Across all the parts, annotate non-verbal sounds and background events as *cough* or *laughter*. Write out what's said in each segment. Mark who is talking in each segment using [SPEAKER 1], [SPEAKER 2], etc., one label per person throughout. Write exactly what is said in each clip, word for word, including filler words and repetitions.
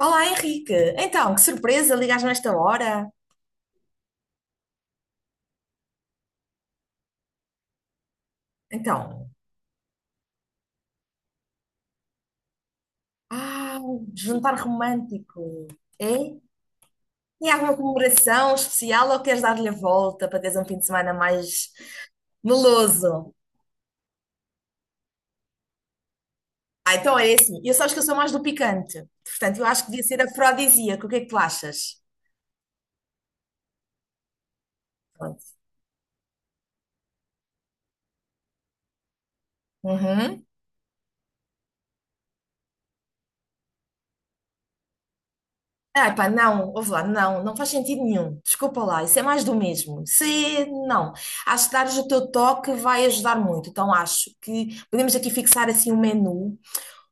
[SPEAKER 1] Olá, Henrique. Então, que surpresa, ligas-me esta hora. Então, ah, jantar romântico. É? Tem alguma comemoração especial ou queres dar-lhe a volta para teres um fim de semana mais meloso? Ah, então é assim. Eu sabes que eu sou mais do picante. Portanto, eu acho que devia ser afrodisíaco. O que é que tu achas? Pronto. Uhum. Ah, pá, não, ouve lá, não, não faz sentido nenhum. Desculpa lá, isso é mais do mesmo. Se não. Acho que dares o teu toque vai ajudar muito. Então acho que podemos aqui fixar assim um menu,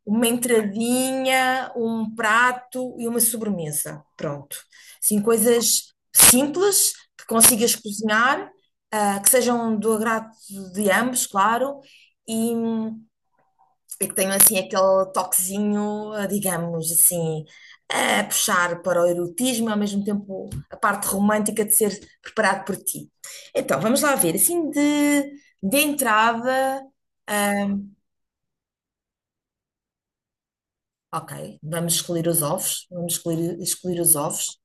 [SPEAKER 1] uma entradinha, um prato e uma sobremesa. Pronto. Assim, coisas simples que consigas cozinhar, ah, que sejam do agrado de ambos, claro, e que tenho assim aquele toquezinho, eh, digamos assim, a puxar para o erotismo, ao mesmo tempo a parte romântica de ser preparado por ti. Então, vamos lá ver, assim de, de entrada, hum, ok, vamos escolher os ovos, vamos escolher escolher os ovos.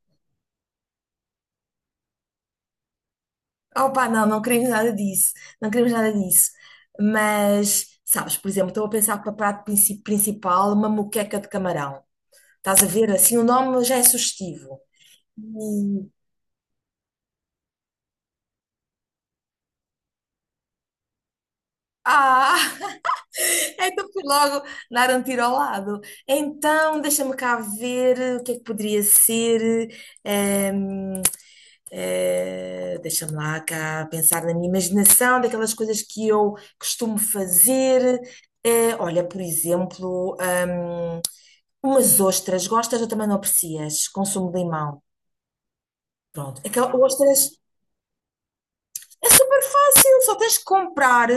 [SPEAKER 1] Opa, não, não queremos nada disso, não queremos nada disso. Mas, sabes, por exemplo, estou a pensar para prato princi- principal uma moqueca de camarão. Estás a ver, assim, o nome já é sugestivo. Ah, *laughs* então fui logo dar um tiro ao lado. Então, deixa-me cá ver o que é que poderia ser. ehm, eh, deixa-me lá cá pensar na minha imaginação, daquelas coisas que eu costumo fazer. Eh, olha, por exemplo, ahm, umas ostras. Gostas ou também não aprecias? Consumo de limão. Pronto. Aquelas ostras. É super fácil, só tens que comprar.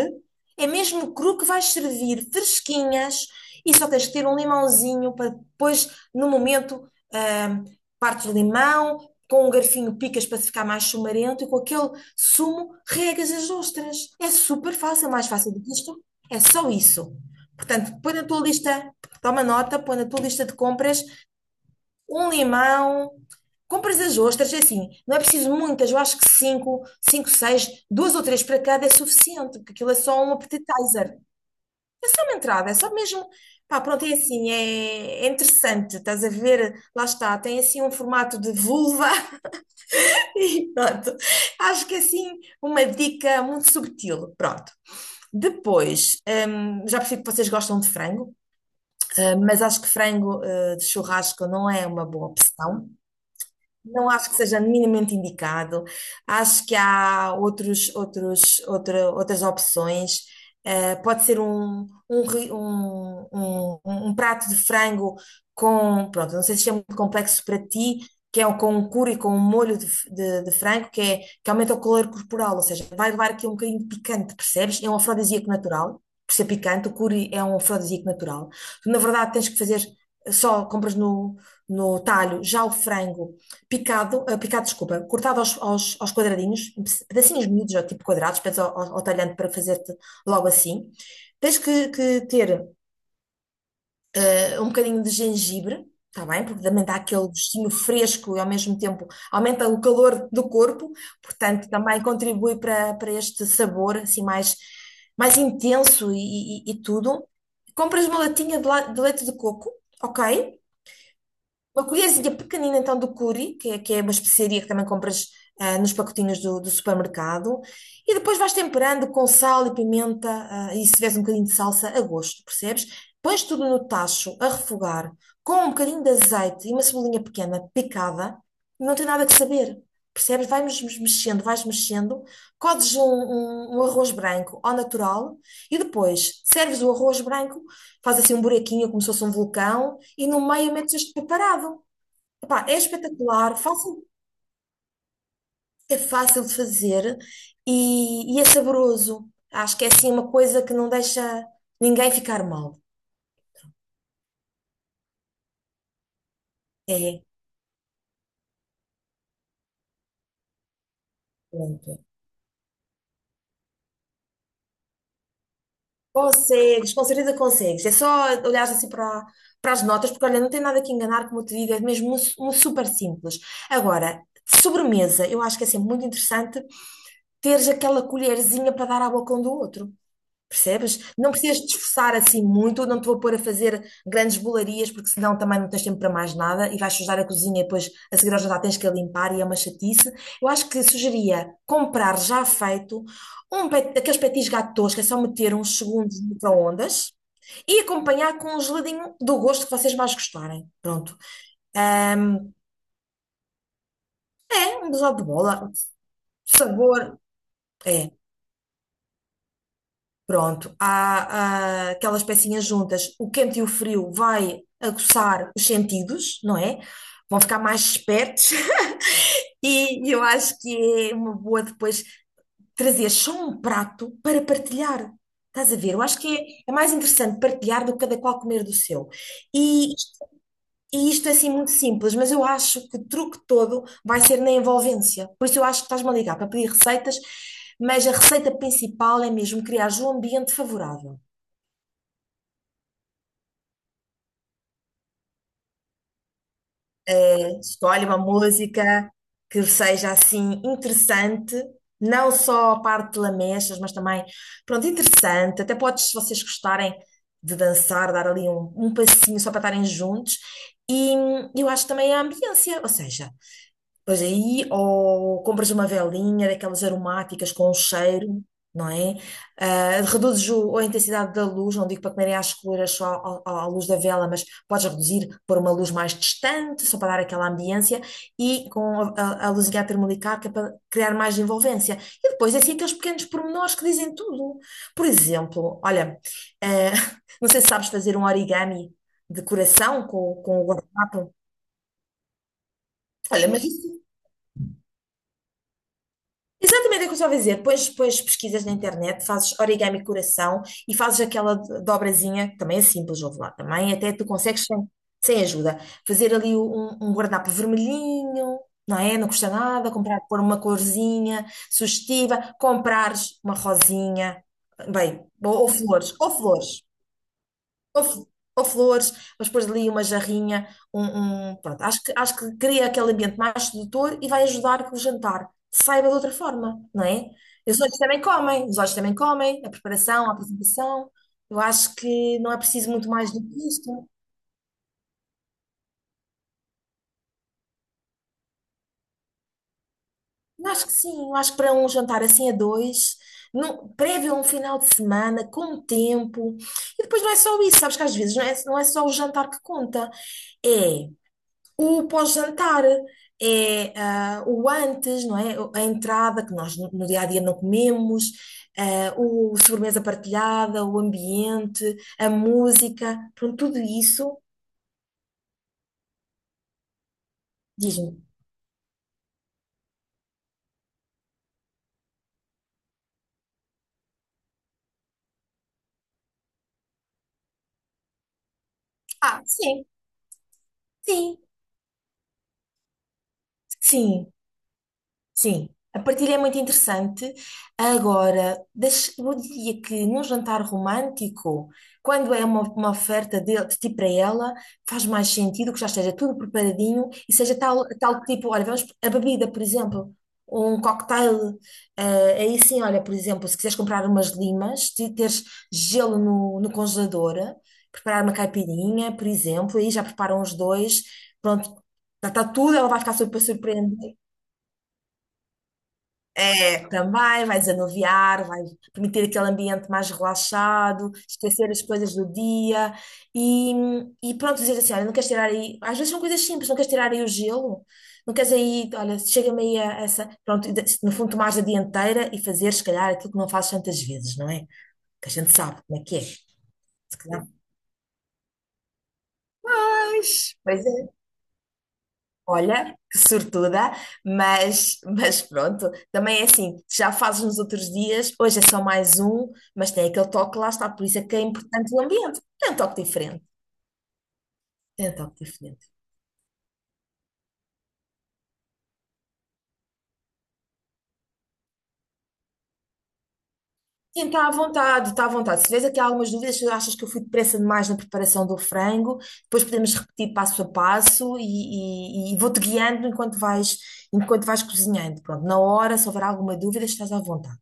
[SPEAKER 1] É mesmo cru que vais servir, fresquinhas, e só tens que ter um limãozinho para depois, no momento, ahm, partes o limão, com um garfinho picas para ficar mais chumarento e com aquele sumo regas as ostras. É super fácil, é mais fácil do que isto. É só isso. Portanto, põe na tua lista, toma nota, põe na tua lista de compras um limão. Compras as ostras, é assim, não é preciso muitas, eu acho que cinco, cinco, seis, duas ou três para cada é suficiente, porque aquilo é só um appetizer. Então, uma entrada, é só mesmo. Pá, pronto, é assim, é, é interessante, estás a ver? Lá está, tem assim um formato de vulva *laughs* e pronto. Acho que é assim uma dica muito subtil. Pronto. Depois, hum, já percebi que vocês gostam de frango, eh, mas acho que frango eh, de churrasco não é uma boa opção. Não acho que seja minimamente indicado. Acho que há outros, outros, outra- outras opções. Eh, pode ser um, um, ri- um- um- um um prato de frango com, pronto, não sei se isto é muito complexo para ti, que é o- com um curry, com um molho de, f- de- de frango, que, é, que aumenta o calor corporal, ou seja, vai levar aqui um bocadinho de picante, percebes? É um afrodisíaco natural, por ser picante, o curry é um afrodisíaco natural. Tu, na verdade, tens que fazer, só compras no, no talho já o frango picado, ah, picado, desculpa, cortado aos, aos, aos quadradinhos, em pedacinhos miúdos, ou tipo quadrados, depois ao, ao, ao talhante para fazer-te logo assim. Tens que, que ter ah, um bocadinho de gengibre, está bem? Porque também dá aquele gostinho fresco e ao mesmo tempo aumenta o calor do corpo, portanto também contribui para, para este sabor assim mais, mais intenso e, e- e tudo. Compras uma latinha de, la- de leite de coco, ok? Uma colherzinha pequenina, então, do curry, que é, que é uma especiaria que também compras ah, nos pacotinhos do, do supermercado. E depois vais temperando com sal e pimenta, ah, e se tiveres um bocadinho de salsa, a gosto, percebes? Pões tudo no tacho a refogar com um bocadinho de azeite e uma cebolinha pequena picada. Não tem nada que saber, percebes? Vais mes- mexendo, vais mexendo. Codes um, um um arroz branco ao natural e depois serves o arroz branco, faz assim um buraquinho como se fosse um vulcão e no meio metes este preparado. Epá, é espetacular, fácil, é fácil de fazer e, e é saboroso. Acho que é assim uma coisa que não deixa ninguém ficar mal. É, pronto. Consegues, com certeza consegues. É só olhares assim para, para as notas, porque olha, não tem nada que enganar, como eu te digo, é mesmo um, su- um super simples. Agora, de sobremesa, eu acho que é sempre muito interessante teres aquela colherzinha para dar à boca um do outro. Percebes? Não precisas te esforçar assim muito, não te vou pôr a fazer grandes bolarias, porque senão também não tens tempo para mais nada e vais sujar a cozinha e depois a seguir ao jantar tens que a limpar e é uma chatice. Eu acho que sugeria comprar já feito um pet, daqueles petis gatos, que é só meter uns segundos no micro-ondas e acompanhar com um geladinho do gosto que vocês mais gostarem. Pronto. Ahm, é um biscoito de bola, sabor. É. Pronto, há, ah, aquelas pecinhas juntas, o quente e o frio vai aguçar os sentidos, não é? Vão ficar mais espertos *laughs* e eu acho que é uma boa depois trazer só um prato para partilhar. Estás a ver? Eu acho que é, é mais interessante partilhar do que cada qual comer do seu. E, e isto é assim muito simples, mas eu acho que o truque todo vai ser na envolvência. Por isso eu acho que estás-me a ligar para pedir receitas, mas a receita principal é mesmo criar um ambiente favorável. Escolhe uma música que seja assim interessante, não só a parte de lamechas, mas também, pronto, interessante. Até podes, se vocês gostarem de dançar, dar ali um, um passinho só para estarem juntos. E hum, eu acho também a ambiência, ou seja, pois aí, ou compras uma velinha daquelas aromáticas com um cheiro, não é? Ah, reduzes o- a intensidade da luz, não digo para comerem às escuras só ao- ao- à luz da vela, mas podes reduzir, pôr uma luz mais distante, só para dar aquela ambiência, e com a, a, a luzinha termolicar, que é para criar mais envolvência. E depois, é assim, aqueles pequenos pormenores que dizem tudo. Por exemplo, olha, ah, *laughs* não sei se sabes fazer um origami de coração com, com o guardanapo. Olha, mas isso, exatamente é o que eu estava a dizer. Depois, depois pesquisas na internet, fazes origami coração e fazes aquela do- dobrazinha, que também é simples, ouve lá, também até tu consegues sem, sem ajuda. Fazer ali um, um um guardanapo vermelhinho, não é? Não custa nada, comprar, pôr uma corzinha sugestiva, comprares uma rosinha, bem, ou, ou flores, ou flores ou, fl- ou flores, mas depois ali uma jarrinha, um, um- pronto, acho que, acho que cria aquele ambiente mais sedutor e vai ajudar que o jantar saiba de outra forma, não é? E os olhos também comem, os olhos também comem, a preparação, a apresentação, eu acho que não é preciso muito mais do que isto. Eu acho que sim, eu acho que para um jantar assim a dois, num, prévio a um final de semana, com tempo, e depois não é só isso, sabes que às vezes não é, não é só o jantar que conta, é o pós-jantar, é ah, o antes, não é? A entrada que nós no dia a dia não comemos, ah, o sobremesa partilhada, o ambiente, a música, pronto, tudo isso. Diz-me. Ah, sim, sim, sim. Sim, a partilha é muito interessante. Agora, deixa- eu diria que num jantar romântico, quando é uma, uma oferta de, de ti para ela, faz mais sentido que já esteja tudo preparadinho e seja tal, tal tipo, olha, vamos, a bebida, por exemplo, um cocktail. Eh, aí sim, olha, por exemplo, se quiseres comprar umas limas, te- teres gelo no, no congelador, preparar uma caipirinha, por exemplo, aí já preparam os dois, pronto, está tudo, ela vai ficar super surpreendida. É, também, vai desanuviar, vai permitir aquele ambiente mais relaxado, esquecer as coisas do dia e, e pronto, dizer assim, olha, não queres tirar aí, às vezes são coisas simples, não queres tirar aí o gelo, não queres aí, olha, chega-me aí a essa, pronto, e de- no fundo tomares a dianteira e fazer, se calhar, aquilo que não fazes tantas vezes, não é? Que a gente sabe como é que é. Se calhar, pois. Pois é. Olha, que sortuda, mas, mas pronto, também é assim, já fazes nos outros dias, hoje é só mais um, mas tem aquele toque, lá está, por isso é que é importante o ambiente, tem um toque diferente, tem um toque diferente. Sim, está à vontade, está à vontade. Se tiveres aqui algumas dúvidas, se achas que eu fui depressa demais na preparação do frango, depois podemos repetir passo a passo e, e- e vou-te guiando enquanto vais, enquanto vais cozinhando. Pronto, na hora, se houver alguma dúvida, estás à vontade.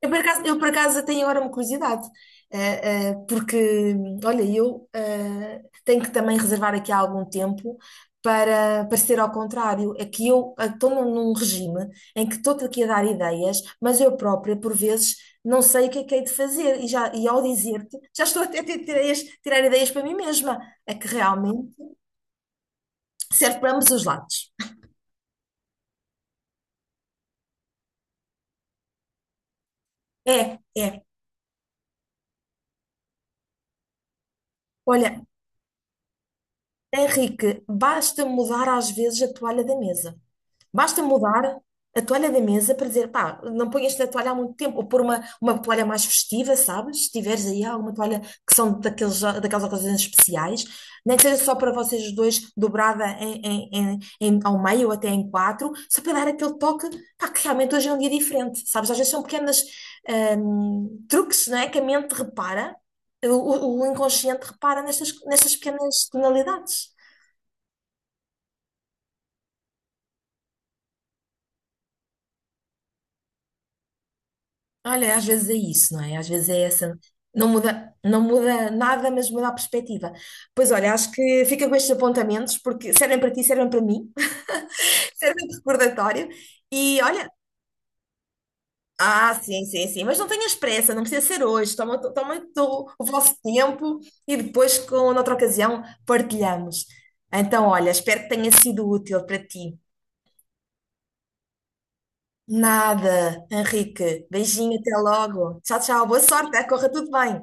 [SPEAKER 1] Eu por acaso, eu por acaso tenho agora uma curiosidade, eh, eh, porque, olha, eu eh, tenho que também reservar aqui algum tempo para, para ser ao contrário. É que eu eh, estou num, num regime em que estou-te aqui a dar ideias, mas eu própria, por vezes, não sei o que é que hei de fazer. E, já, e ao dizer-te, já estou até a ter- ter ideias- tirar ideias para mim mesma. É que realmente serve para ambos os lados. É, é. Olha, Henrique, basta mudar às vezes a toalha da mesa. Basta mudar a toalha da mesa para dizer, pá, não ponhas esta toalha há muito tempo, ou pôr uma, uma toalha mais festiva, sabes? Se tiveres aí alguma toalha que são daqueles, daquelas ocasiões especiais, nem que seja só para vocês os dois, dobrada em, em- em- em- ao meio ou até em quatro, só para dar aquele toque, pá, que realmente hoje é um dia diferente, sabes? Às vezes são pequenas hum, truques, não é? Que a mente repara, o, o- o inconsciente repara nestas, nestas pequenas tonalidades. Olha, às vezes é isso, não é? Às vezes é essa. Não muda, não muda nada, mas muda a perspectiva. Pois olha, acho que fica com estes apontamentos, porque servem para ti, servem para mim, *laughs* servem de recordatório. E olha, ah, sim, sim, sim, mas não tenhas pressa, não precisa ser hoje. Toma, toma o o vosso tempo e depois, com noutra ocasião, partilhamos. Então, olha, espero que tenha sido útil para ti. Nada, Henrique. Beijinho, até logo. Tchau, tchau. Boa sorte, eh? Corra tudo bem.